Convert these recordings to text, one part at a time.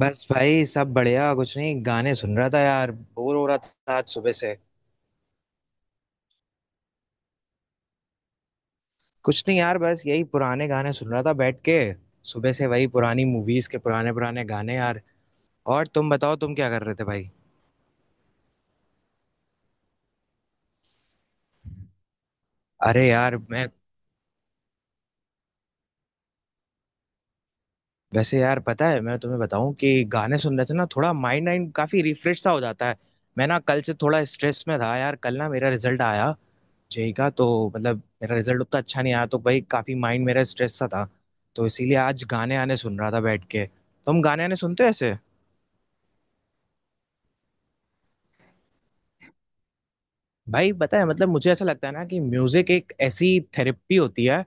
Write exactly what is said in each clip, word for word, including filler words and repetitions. बस भाई सब बढ़िया। कुछ नहीं, गाने सुन रहा था यार, बोर हो रहा था आज सुबह से। कुछ नहीं यार, बस यही पुराने गाने सुन रहा था बैठ के। सुबह से वही पुरानी मूवीज के पुराने पुराने गाने यार। और तुम बताओ, तुम क्या कर रहे थे भाई। अरे यार मैं। वैसे यार पता है, मैं तुम्हें बताऊं कि गाने सुनने से ना थोड़ा माइंड वाइंड काफी रिफ्रेश सा हो जाता है। मैं ना कल से थोड़ा स्ट्रेस में था यार। कल ना मेरा रिजल्ट आया, जेई का। तो मतलब मेरा रिजल्ट उतना अच्छा नहीं आया, तो भाई काफी माइंड मेरा स्ट्रेस सा था। तो इसीलिए आज गाने आने सुन रहा था बैठ के। तुम गाने आने सुनते हो ऐसे। भाई पता है, मतलब मुझे ऐसा लगता है ना कि म्यूजिक एक ऐसी थेरेपी होती है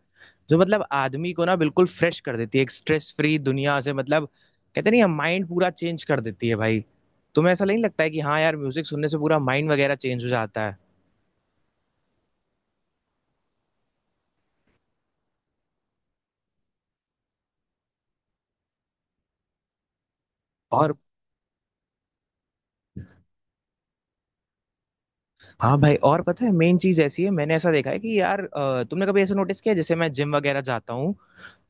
जो मतलब आदमी को ना बिल्कुल फ्रेश कर देती है। एक स्ट्रेस फ्री दुनिया से मतलब कहते नहीं, माइंड पूरा चेंज कर देती है भाई। तुम्हें ऐसा नहीं लगता है कि हाँ यार म्यूजिक सुनने से पूरा माइंड वगैरह चेंज हो जाता है। और हाँ भाई, और पता है मेन चीज ऐसी है, मैंने ऐसा देखा है कि यार अ, तुमने कभी ऐसा नोटिस किया, जैसे मैं जिम वगैरह जाता हूँ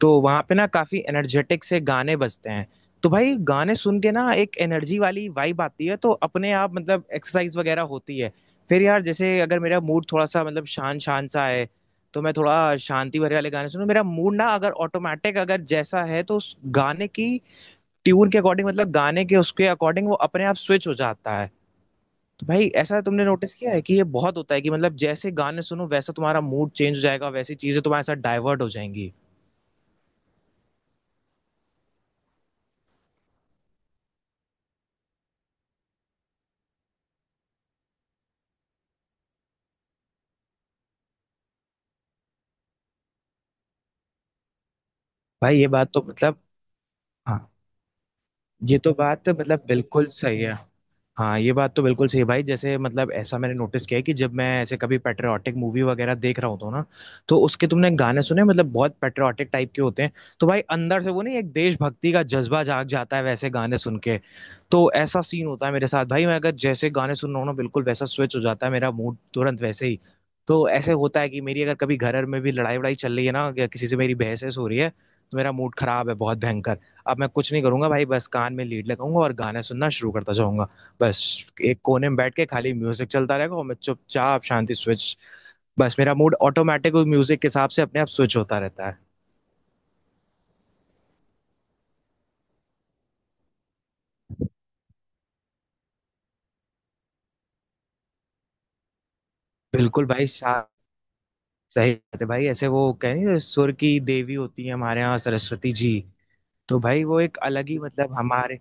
तो वहाँ पे ना काफ़ी एनर्जेटिक से गाने बजते हैं। तो भाई गाने सुन के ना एक एनर्जी वाली वाइब आती है तो अपने आप मतलब एक्सरसाइज़ वग़ैरह होती है। फिर यार जैसे अगर मेरा मूड थोड़ा-सा मतलब शान-शान सा है, तो मैं थोड़ा शांति भरे वाले गाने सुनूँ। मेरा मूड ना अगर ऑटोमैटिक अगर जैसा है तो उस गाने की ट्यून के अकॉर्डिंग, मतलब गाने के उसके अकॉर्डिंग वो अपने आप स्विच हो जाता है। तो भाई ऐसा तुमने नोटिस किया है कि ये बहुत होता है कि मतलब जैसे गाने सुनो वैसा तुम्हारा मूड चेंज हो जाएगा, वैसी चीज़ें तुम्हारे साथ डाइवर्ट हो जाएँगी। भाई ये बात तो मतलब हाँ। ये तो बात मतलब बिल्कुल सही है। हाँ, ये बात तो बिल्कुल सही है भाई। जैसे मतलब ऐसा मैंने नोटिस किया है कि जब मैं ऐसे कभी पेट्रियाटिक मूवी वगैरह देख रहा होता हूँ ना, तो उसके तुमने गाने सुने मतलब बहुत पेट्रियाटिक टाइप के होते हैं। तो भाई अंदर से वो नहीं एक देशभक्ति का जज्बा जाग जाता है वैसे गाने सुन के। तो ऐसा सीन होता है मेरे साथ भाई, मैं अगर जैसे गाने सुन रहा हूँ ना बिल्कुल वैसा स्विच हो जाता है मेरा मूड तुरंत वैसे ही। तो ऐसे होता है कि मेरी अगर कभी घर में भी लड़ाई वड़ाई चल रही है ना, या किसी से मेरी बहस वहस हो रही है, तो मेरा मूड खराब है बहुत भयंकर। अब मैं कुछ नहीं करूंगा भाई, बस कान में लीड लगाऊंगा और गाने सुनना शुरू करता जाऊंगा। बस एक कोने में बैठ के खाली म्यूजिक चलता रहेगा और मैं चुपचाप शांति स्विच। बस मेरा मूड ऑटोमेटिक म्यूजिक के हिसाब से अपने आप स्विच होता रहता है। बिल्कुल भाई शा- सही बात है भाई। ऐसे वो कह नहीं सुर की देवी होती है हमारे यहाँ सरस्वती जी। तो भाई वो एक अलग ही मतलब हमारे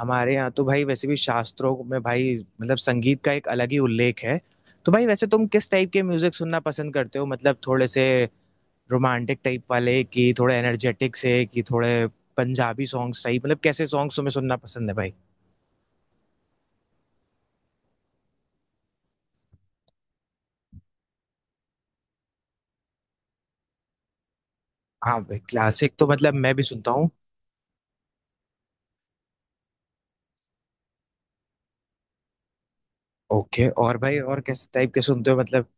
हमारे यहाँ तो भाई वैसे भी शास्त्रों में भाई मतलब संगीत का एक अलग ही उल्लेख है। तो भाई वैसे तुम किस टाइप के म्यूजिक सुनना पसंद करते हो, मतलब थोड़े से रोमांटिक टाइप वाले कि थोड़े एनर्जेटिक से कि थोड़े पंजाबी सॉन्ग्स टाइप, मतलब कैसे सॉन्ग्स तुम्हें सुनना पसंद है भाई। हाँ भाई, क्लासिक तो मतलब मैं भी सुनता हूँ। ओके, और भाई और किस टाइप के सुनते हो मतलब।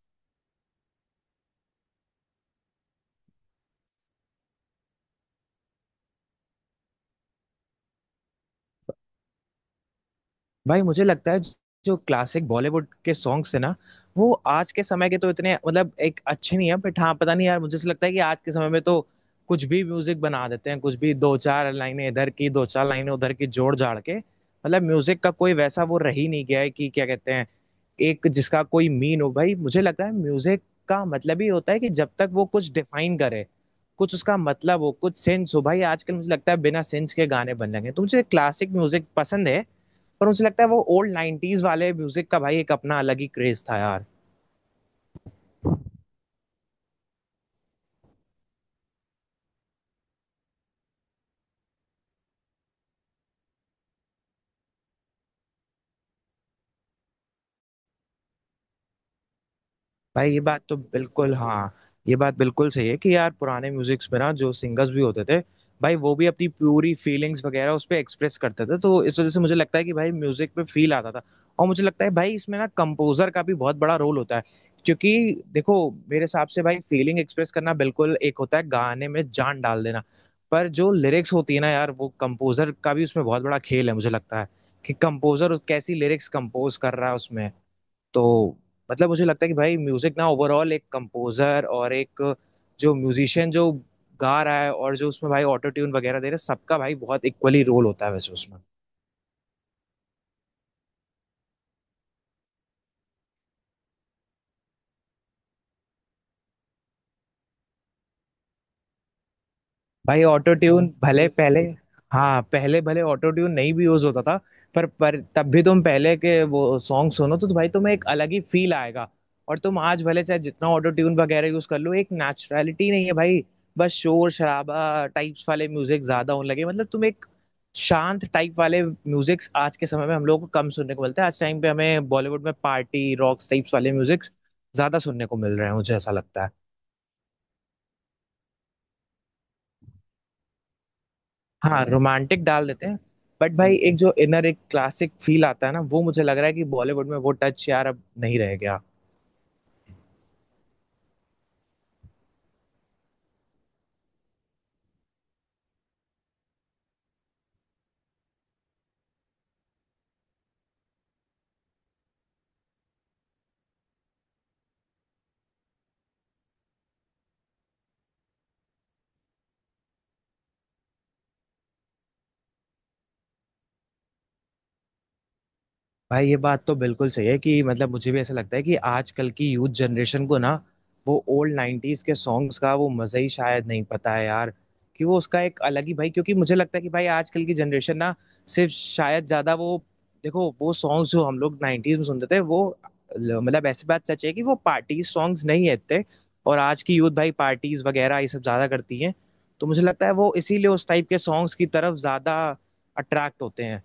भाई मुझे लगता है जो क्लासिक बॉलीवुड के सॉन्ग्स है ना, वो आज के समय के तो इतने मतलब एक अच्छे नहीं है। बट हाँ पता नहीं यार, मुझे ऐसा लगता है कि आज के समय में तो कुछ भी म्यूजिक बना देते हैं, कुछ भी दो चार लाइनें इधर की दो चार लाइनें उधर की जोड़ जाड़ के, मतलब म्यूजिक का कोई वैसा वो रह ही नहीं गया है, कि क्या कहते हैं एक जिसका कोई मीन हो। भाई मुझे लगता है म्यूजिक का मतलब ही होता है कि जब तक वो कुछ डिफाइन करे, कुछ उसका मतलब हो, कुछ सेंस हो। भाई आजकल मुझे लगता है बिना सेंस के गाने बन रहे हैं, तो मुझे क्लासिक म्यूजिक पसंद है। पर मुझे लगता है वो ओल्ड नाइन्टीज वाले म्यूजिक का भाई एक अपना अलग ही क्रेज था यार। भाई ये बात तो बिल्कुल हाँ, ये बात बिल्कुल सही है कि यार पुराने म्यूजिक्स में ना जो सिंगर्स भी होते थे, भाई वो भी अपनी पूरी फीलिंग्स वगैरह उस पर एक्सप्रेस करते थे, तो इस वजह से मुझे लगता है कि भाई म्यूजिक में फील आता था। और मुझे लगता है भाई इसमें ना कंपोजर का भी बहुत बड़ा रोल होता है। क्योंकि देखो, मेरे हिसाब से भाई फीलिंग एक्सप्रेस करना बिल्कुल एक होता है गाने में जान डाल देना। पर जो लिरिक्स होती है ना यार, वो कंपोजर का भी उसमें बहुत बड़ा खेल है मुझे लगता है, कि कंपोजर कैसी लिरिक्स कंपोज कर रहा है उसमें। तो मतलब मुझे लगता है कि भाई म्यूजिक ना ओवरऑल एक कंपोजर और एक जो म्यूजिशियन जो गा रहा है और जो उसमें भाई ऑटो ट्यून वगैरह दे रहे हैं सबका भाई बहुत इक्वली रोल होता है वैसे उसमें। भाई ऑटो ट्यून भले पहले, हाँ पहले भले ऑटो ट्यून नहीं भी यूज होता था, पर पर तब भी तुम पहले के वो सॉन्ग सुनो तो, भाई तुम्हें एक अलग ही फील आएगा। और तुम आज भले चाहे जितना ऑटो ट्यून वगैरह यूज कर लो, एक नेचुरलिटी नहीं है भाई। बस शोर शराबा टाइप्स वाले म्यूजिक ज्यादा होने लगे, मतलब तुम एक शांत टाइप वाले म्यूजिक आज के समय में हम लोग को कम सुनने को मिलते हैं। आज टाइम पे हमें बॉलीवुड में पार्टी रॉक्स टाइप्स वाले म्यूजिक ज्यादा सुनने को मिल रहे हैं, मुझे ऐसा लगता है। हाँ, रोमांटिक डाल देते हैं। बट भाई एक जो इनर एक क्लासिक फील आता है ना, वो मुझे लग रहा है कि बॉलीवुड में वो टच यार अब नहीं रह गया। भाई ये बात तो बिल्कुल सही है कि मतलब मुझे भी ऐसा लगता है कि आजकल की यूथ जनरेशन को ना वो ओल्ड नाइन्टीज के सॉन्ग्स का वो मज़ा ही शायद नहीं पता है यार, कि वो उसका एक अलग ही भाई। क्योंकि मुझे लगता है कि भाई आजकल की जनरेशन ना सिर्फ शायद ज़्यादा वो, देखो वो सॉन्ग्स जो हम लोग नाइन्टीज में सुनते थे वो ल- मतलब ऐसी बात सच है कि वो पार्टी सॉन्ग्स नहीं है इतने। और आज की यूथ भाई पार्टीज वगैरह ये सब ज़्यादा करती हैं, तो मुझे लगता है वो इसीलिए उस टाइप के सॉन्ग्स की तरफ ज़्यादा अट्रैक्ट होते हैं।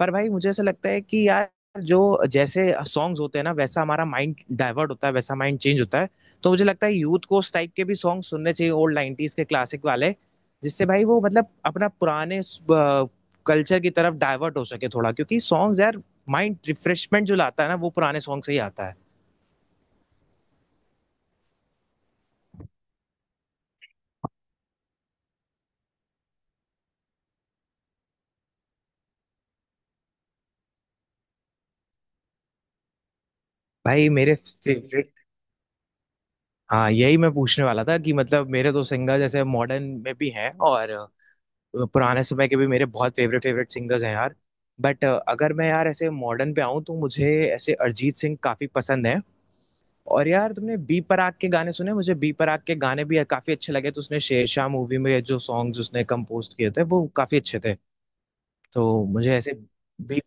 पर भाई मुझे ऐसा लगता है कि यार जो जैसे सॉन्ग्स होते हैं ना, वैसा हमारा माइंड डाइवर्ट होता है, वैसा माइंड चेंज होता है। तो मुझे लगता है यूथ को उस टाइप के भी सॉन्ग सुनने चाहिए, ओल्ड नाइन्टीज के क्लासिक वाले, जिससे भाई वो मतलब अपना पुराने कल्चर की तरफ डाइवर्ट हो सके थोड़ा, क्योंकि सॉन्ग्स यार माइंड रिफ्रेशमेंट जो लाता है ना वो पुराने सॉन्ग से ही आता है। भाई मेरे फेवरेट, हाँ यही मैं पूछने वाला था कि मतलब मेरे तो सिंगर जैसे मॉडर्न में भी हैं और पुराने समय के भी मेरे बहुत फेवरेट फेवरेट सिंगर्स हैं यार। बट अगर मैं यार ऐसे मॉडर्न पे आऊँ तो मुझे ऐसे अरिजीत सिंह काफी पसंद है। और यार तुमने बी पराग के गाने सुने, मुझे बी पराग के गाने भी काफी अच्छे लगे। तो उसने शेरशाह मूवी में जो सॉन्ग्स उसने कंपोज किए थे वो काफी अच्छे थे। तो मुझे ऐसे बी,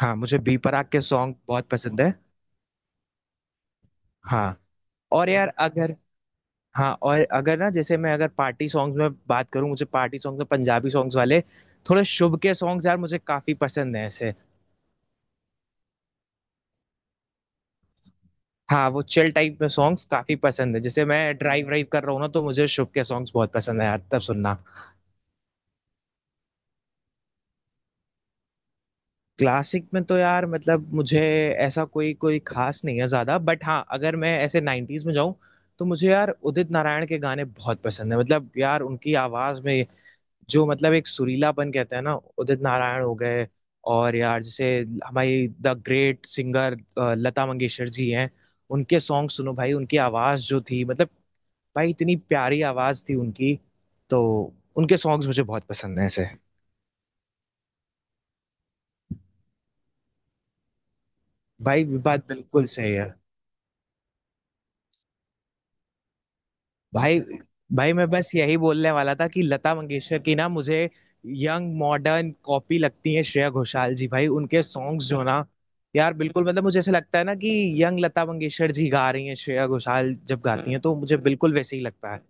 हाँ मुझे बी पराग के सॉन्ग बहुत पसंद है। हाँ, और यार अगर, हाँ और अगर ना जैसे मैं अगर पार्टी सॉन्ग्स में बात करूँ, मुझे पार्टी सॉन्ग्स में पंजाबी सॉन्ग्स वाले थोड़े शुभ के सॉन्ग्स यार मुझे काफी पसंद है ऐसे। हाँ, वो चिल टाइप में सॉन्ग्स काफ़ी पसंद है। जैसे मैं ड्राइव वाइव कर रहा हूँ ना, तो मुझे शुभ के सॉन्ग्स बहुत पसंद है यार तब सुनना। क्लासिक में तो यार मतलब मुझे ऐसा कोई कोई ख़ास नहीं है ज़्यादा, बट हाँ, अगर मैं ऐसे नाइन्टीज में जाऊँ तो मुझे यार उदित नारायण के गाने बहुत पसंद है। मतलब यार उनकी आवाज़ में जो मतलब एक सुरीलापन कहते हैं ना, उदित नारायण हो गए। और यार जैसे हमारी द ग्रेट सिंगर अ, लता मंगेशकर जी हैं। उनके सॉन्ग सुनो भाई, उनकी आवाज़ जो थी मतलब, भाई इतनी प्यारी आवाज़ थी उनकी, तो उनके सॉन्ग्स मुझे बहुत पसंद हैं ऐसे। भाई बात बिल्कुल सही है। भाई, भाई मैं बस यही बोलने वाला था कि लता मंगेशकर की ना मुझे यंग मॉडर्न कॉपी लगती है श्रेया घोषाल जी। भाई उनके सॉन्ग्स जो ना यार बिल्कुल मतलब मुझे ऐसा लगता है ना कि यंग लता मंगेशकर जी गा रही हैं श्रेया घोषाल जब गाती हैं तो मुझे बिल्कुल वैसे ही लगता है।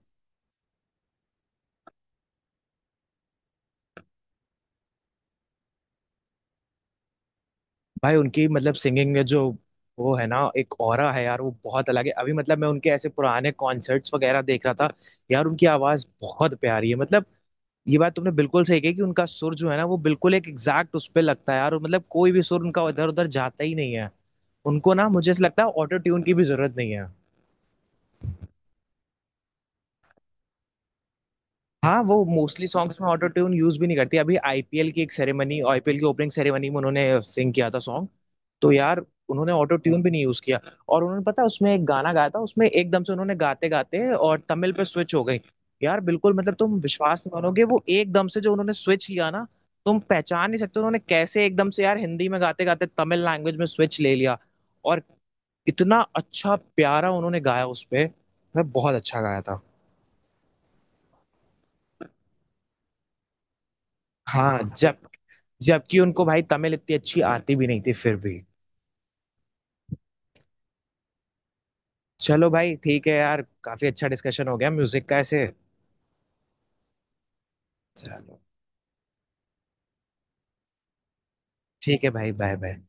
भाई उनकी मतलब सिंगिंग में जो वो है ना एक ऑरा है यार वो बहुत अलग है। अभी मतलब मैं उनके ऐसे पुराने कॉन्सर्ट्स वगैरह देख रहा था यार, उनकी आवाज बहुत प्यारी है मतलब। ये बात तुमने बिल्कुल सही कही कि उनका सुर जो है ना वो बिल्कुल एक एग्जैक्ट उस पे लगता है यार, और मतलब कोई भी सुर उनका इधर उधर जाता ही नहीं है। उनको ना मुझे ऐसा लगता है ऑटो ट्यून की भी जरूरत नहीं है। हाँ वो मोस्टली सॉन्ग्स में ऑटो ट्यून यूज भी नहीं करती। अभी आईपीएल की एक सेरेमनी, आईपीएल की ओपनिंग सेरेमनी में उन्होंने सिंग किया था सॉन्ग, तो यार उन्होंने ऑटो ट्यून भी नहीं यूज किया। और उन्होंने पता है, उसमें एक गाना गाया था उसमें एकदम से उन्होंने गाते गाते और तमिल पे स्विच हो गई। यार बिल्कुल मतलब तुम विश्वास नहीं मानोगे वो एकदम से जो उन्होंने स्विच किया ना, तुम पहचान नहीं सकते उन्होंने कैसे एकदम से यार हिंदी में गाते गाते तमिल लैंग्वेज में स्विच ले लिया। और इतना अच्छा प्यारा उन्होंने गाया उस पे, मैं, बहुत अच्छा गाया था। हाँ, जब, जबकि उनको भाई तमिल इतनी अच्छी आती भी नहीं थी फिर भी। चलो भाई ठीक है यार, काफी अच्छा डिस्कशन हो गया म्यूजिक का ऐसे। चलो ठीक है भाई, बाय बाय।